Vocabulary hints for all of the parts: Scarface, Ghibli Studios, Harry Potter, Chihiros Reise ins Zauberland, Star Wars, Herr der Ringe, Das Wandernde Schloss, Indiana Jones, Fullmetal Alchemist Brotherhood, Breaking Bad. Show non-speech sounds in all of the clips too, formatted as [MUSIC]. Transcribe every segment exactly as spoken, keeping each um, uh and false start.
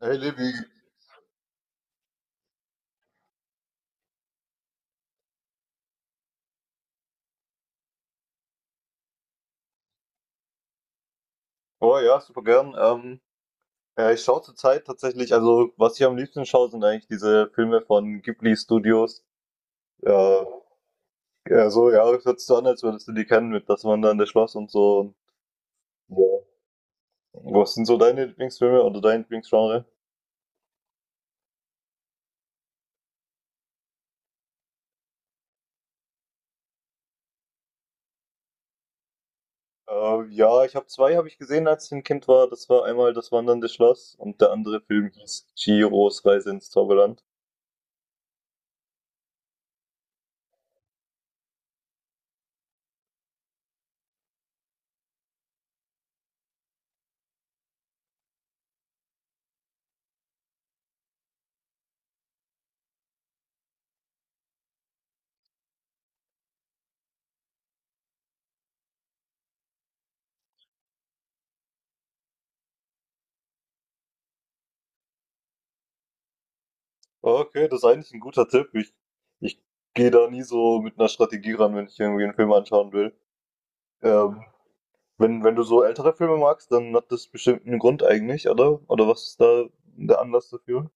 Hey Levi. Oh ja, super gern. Ähm, ja, ich schaue zurzeit tatsächlich, also was ich am liebsten schaue, sind eigentlich diese Filme von Ghibli Studios. Ja, ja so, ja, hört sich so an, als würdest du die kennen mit Das Wandernde Schloss und so. Ja. Was sind so deine Lieblingsfilme oder dein Lieblingsgenre? Äh, ja, ich habe zwei, habe ich gesehen, als ich ein Kind war. Das war einmal Das Wandernde Schloss und der andere Film hieß Chihiros Reise ins Zauberland. Okay, das ist eigentlich ein guter Tipp. Ich, ich gehe da nie so mit einer Strategie ran, wenn ich irgendwie einen Film anschauen will. Ähm, Wenn, wenn du so ältere Filme magst, dann hat das bestimmt einen Grund eigentlich, oder? Oder was ist da der Anlass dafür?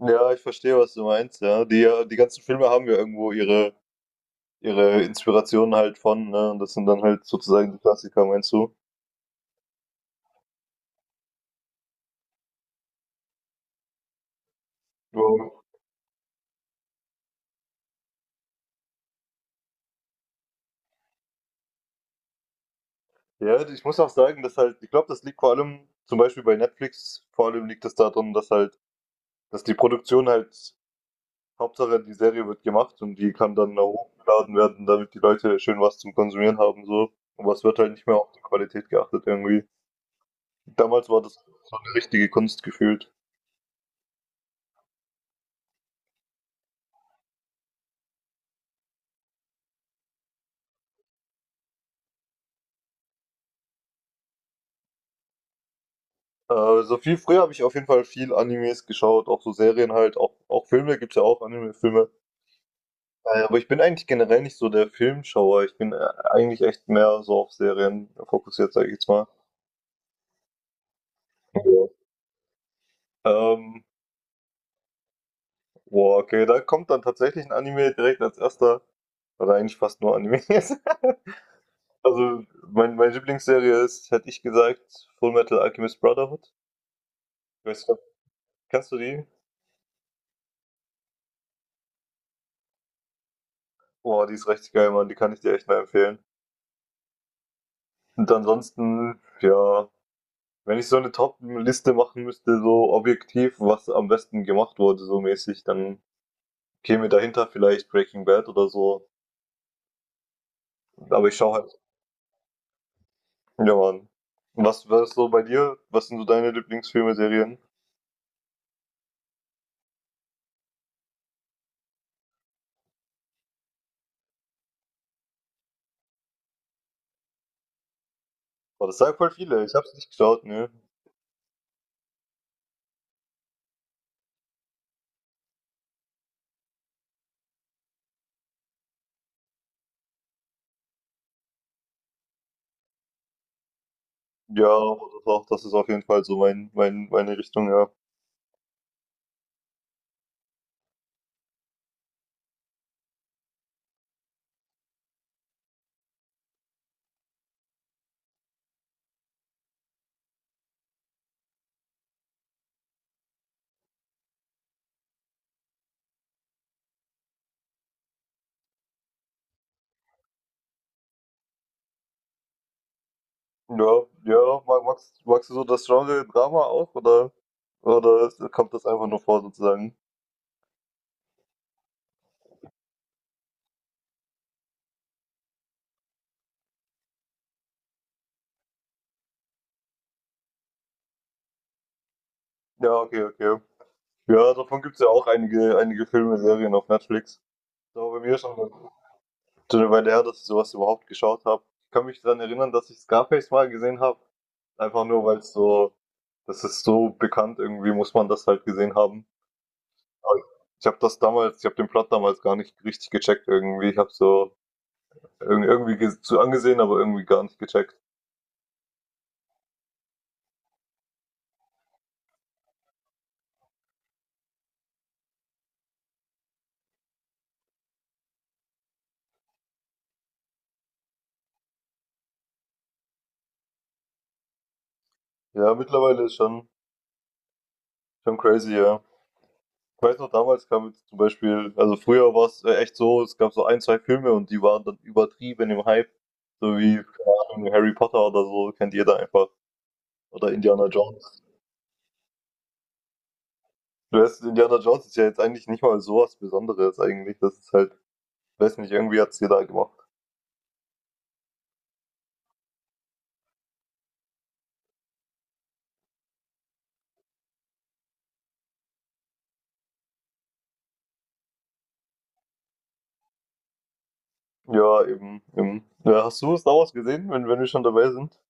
Ja, ich verstehe, was du meinst, ja. Die, ja- die ganzen Filme haben ja irgendwo ihre, ihre Inspirationen halt von, ne? Und das sind dann halt sozusagen die Klassiker, meinst du? Wow. Ja, ich muss auch sagen, dass halt, ich glaube, das liegt vor allem, zum Beispiel bei Netflix, vor allem liegt es daran, dass halt, dass die Produktion halt Hauptsache, die Serie wird gemacht und die kann dann da hochgeladen werden, damit die Leute schön was zum Konsumieren haben, so. Aber es wird halt nicht mehr auf die Qualität geachtet irgendwie. Damals war das so eine richtige Kunst gefühlt. Äh, so viel früher habe ich auf jeden Fall viel Animes geschaut, auch so Serien halt, auch, auch Filme gibt's, ja auch Anime-Filme. Äh, aber ich bin eigentlich generell nicht so der Filmschauer. Ich bin äh, eigentlich echt mehr so auf Serien fokussiert, sag ich jetzt mal. Ja. Ähm, Boah, okay, da kommt dann tatsächlich ein Anime direkt als erster, oder eigentlich fast nur Animes. [LAUGHS] Also, mein meine Lieblingsserie ist, hätte ich gesagt, Fullmetal Alchemist Brotherhood. Ich weiß nicht, kennst du die? Boah, die ist richtig geil, Mann. Die kann ich dir echt mal empfehlen. Und ansonsten, ja, wenn ich so eine Top-Liste machen müsste, so objektiv, was am besten gemacht wurde, so mäßig, dann käme dahinter vielleicht Breaking Bad oder so. Aber ich schaue halt, ja, Mann. Was, was ist so bei dir? Was sind so deine Lieblingsfilme, Serien? Boah, das sagen voll viele. Ich hab's nicht geschaut, ne? Ja, aber das auch, das ist auf jeden Fall so mein, mein, meine Richtung, ja. Ja, ja, mag, magst, magst du so das Genre Drama auch, oder, oder kommt das einfach nur vor sozusagen? Ja, okay, okay. Ja, davon gibt es ja auch einige, einige Filme, Serien auf Netflix. Ist bei mir ist schon eine schon eine Weile her, dass ich sowas überhaupt geschaut habe. Ich kann mich daran erinnern, dass ich Scarface mal gesehen habe. Einfach nur, weil es so, das ist so bekannt, irgendwie muss man das halt gesehen haben. Aber ich habe das damals, ich habe den Plot damals gar nicht richtig gecheckt irgendwie. Ich habe so irg- irgendwie ges- zu angesehen, aber irgendwie gar nicht gecheckt. Ja, mittlerweile ist schon, schon crazy, ja. Ich weiß noch, damals kam jetzt zum Beispiel, also früher war es äh, echt so, es gab so ein, zwei Filme und die waren dann übertrieben im Hype. So wie, keine Ahnung, Harry Potter oder so, kennt jeder einfach. Oder Indiana Jones. Du weißt, Indiana Jones ist ja jetzt eigentlich nicht mal so was Besonderes eigentlich. Das ist halt, weiß nicht, irgendwie hat's jeder gemacht. Ja, eben, eben. Ja, hast du Star Wars gesehen, wenn, wenn wir schon dabei sind?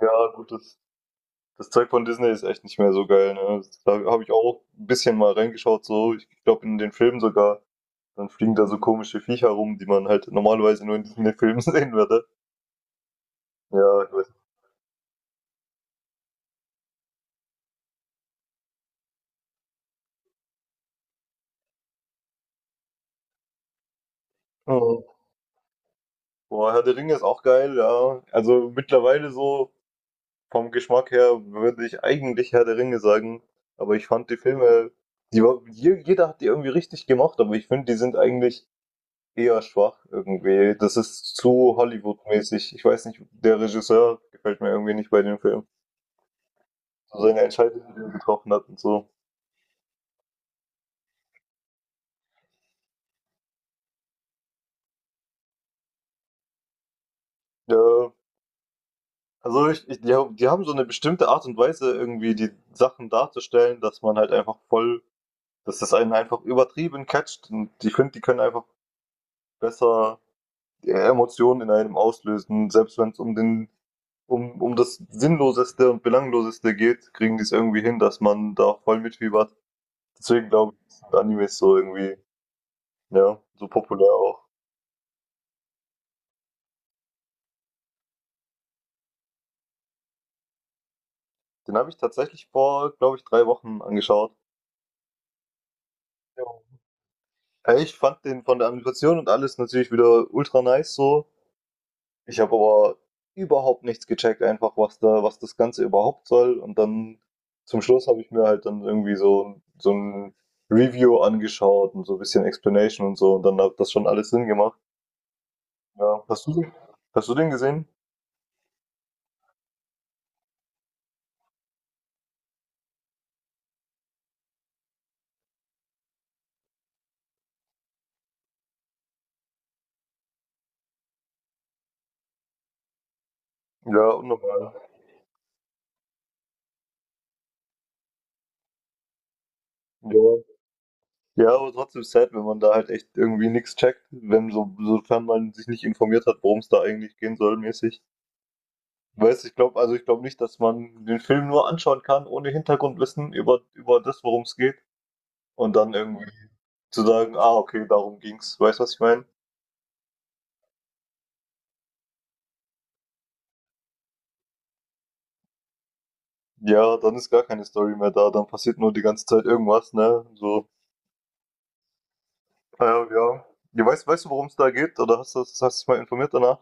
Ja, gut, das das Zeug von Disney ist echt nicht mehr so geil. Ne? Da habe ich auch ein bisschen mal reingeschaut, so. Ich glaube, in den Filmen sogar. Dann fliegen da so komische Viecher rum, die man halt normalerweise nur in diesen Filmen [LAUGHS] sehen würde. Ja, ich weiß. Mhm. Boah, Herr der Ringe ist auch geil, ja. Also mittlerweile so vom Geschmack her würde ich eigentlich Herr der Ringe sagen. Aber ich fand die Filme, die, war- je- jeder hat die irgendwie richtig gemacht, aber ich finde, die sind eigentlich eher schwach irgendwie. Das ist zu Hollywood-mäßig. Ich weiß nicht, der Regisseur gefällt mir irgendwie nicht bei dem Film. So seine Entscheidungen, die er getroffen hat und so. Ja, also ich, ich, die, haben- die haben so eine bestimmte Art und Weise, irgendwie die Sachen darzustellen, dass man halt einfach voll, dass das einen einfach übertrieben catcht. Und ich finde, die können einfach besser die Emotionen in einem auslösen, selbst wenn es um den um, um das Sinnloseste und Belangloseste geht, kriegen die es irgendwie hin, dass man da voll mitfiebert. Deswegen glaube ich, sind Animes so irgendwie, ja, so populär auch. Den habe ich tatsächlich vor, glaube ich, drei Wochen angeschaut. Jo. Ey, ich fand den von der Animation und alles natürlich wieder ultra nice so. Ich habe aber überhaupt nichts gecheckt, einfach was da, was das Ganze überhaupt soll. Und dann zum Schluss habe ich mir halt dann irgendwie so, so ein Review angeschaut und so ein bisschen Explanation und so. Und dann hat das schon alles Sinn gemacht. Ja, hast du, hast du den gesehen? Ja, unnormal. Ja, ja, aber trotzdem sad, wenn man da halt echt irgendwie nichts checkt, wenn so, sofern man sich nicht informiert hat, worum es da eigentlich gehen soll, mäßig. Weiß, ich glaube, also ich glaube nicht, dass man den Film nur anschauen kann, ohne Hintergrundwissen über, über das, worum es geht. Und dann irgendwie zu sagen, ah, okay, darum ging's. Weißt du, was ich meine? Ja, dann ist gar keine Story mehr da, dann passiert nur die ganze Zeit irgendwas, ne? So, ah ja, ja. Ja, weißt, weißt du, worum es da geht? Oder hast du hast du dich mal informiert danach?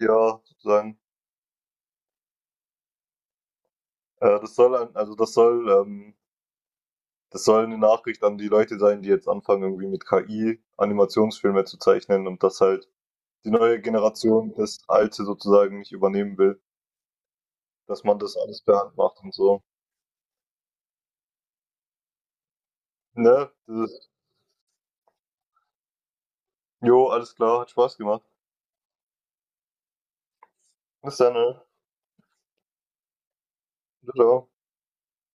Ja, sozusagen. Äh, das soll, ein- also das soll, ähm, das soll eine Nachricht an die Leute sein, die jetzt anfangen, irgendwie mit K I Animationsfilme zu zeichnen und dass halt die neue Generation das alte sozusagen nicht übernehmen will, dass man das alles per Hand macht und so. Ne? Dieses, jo, alles klar, hat Spaß gemacht. Bis dann, ne? Ciao.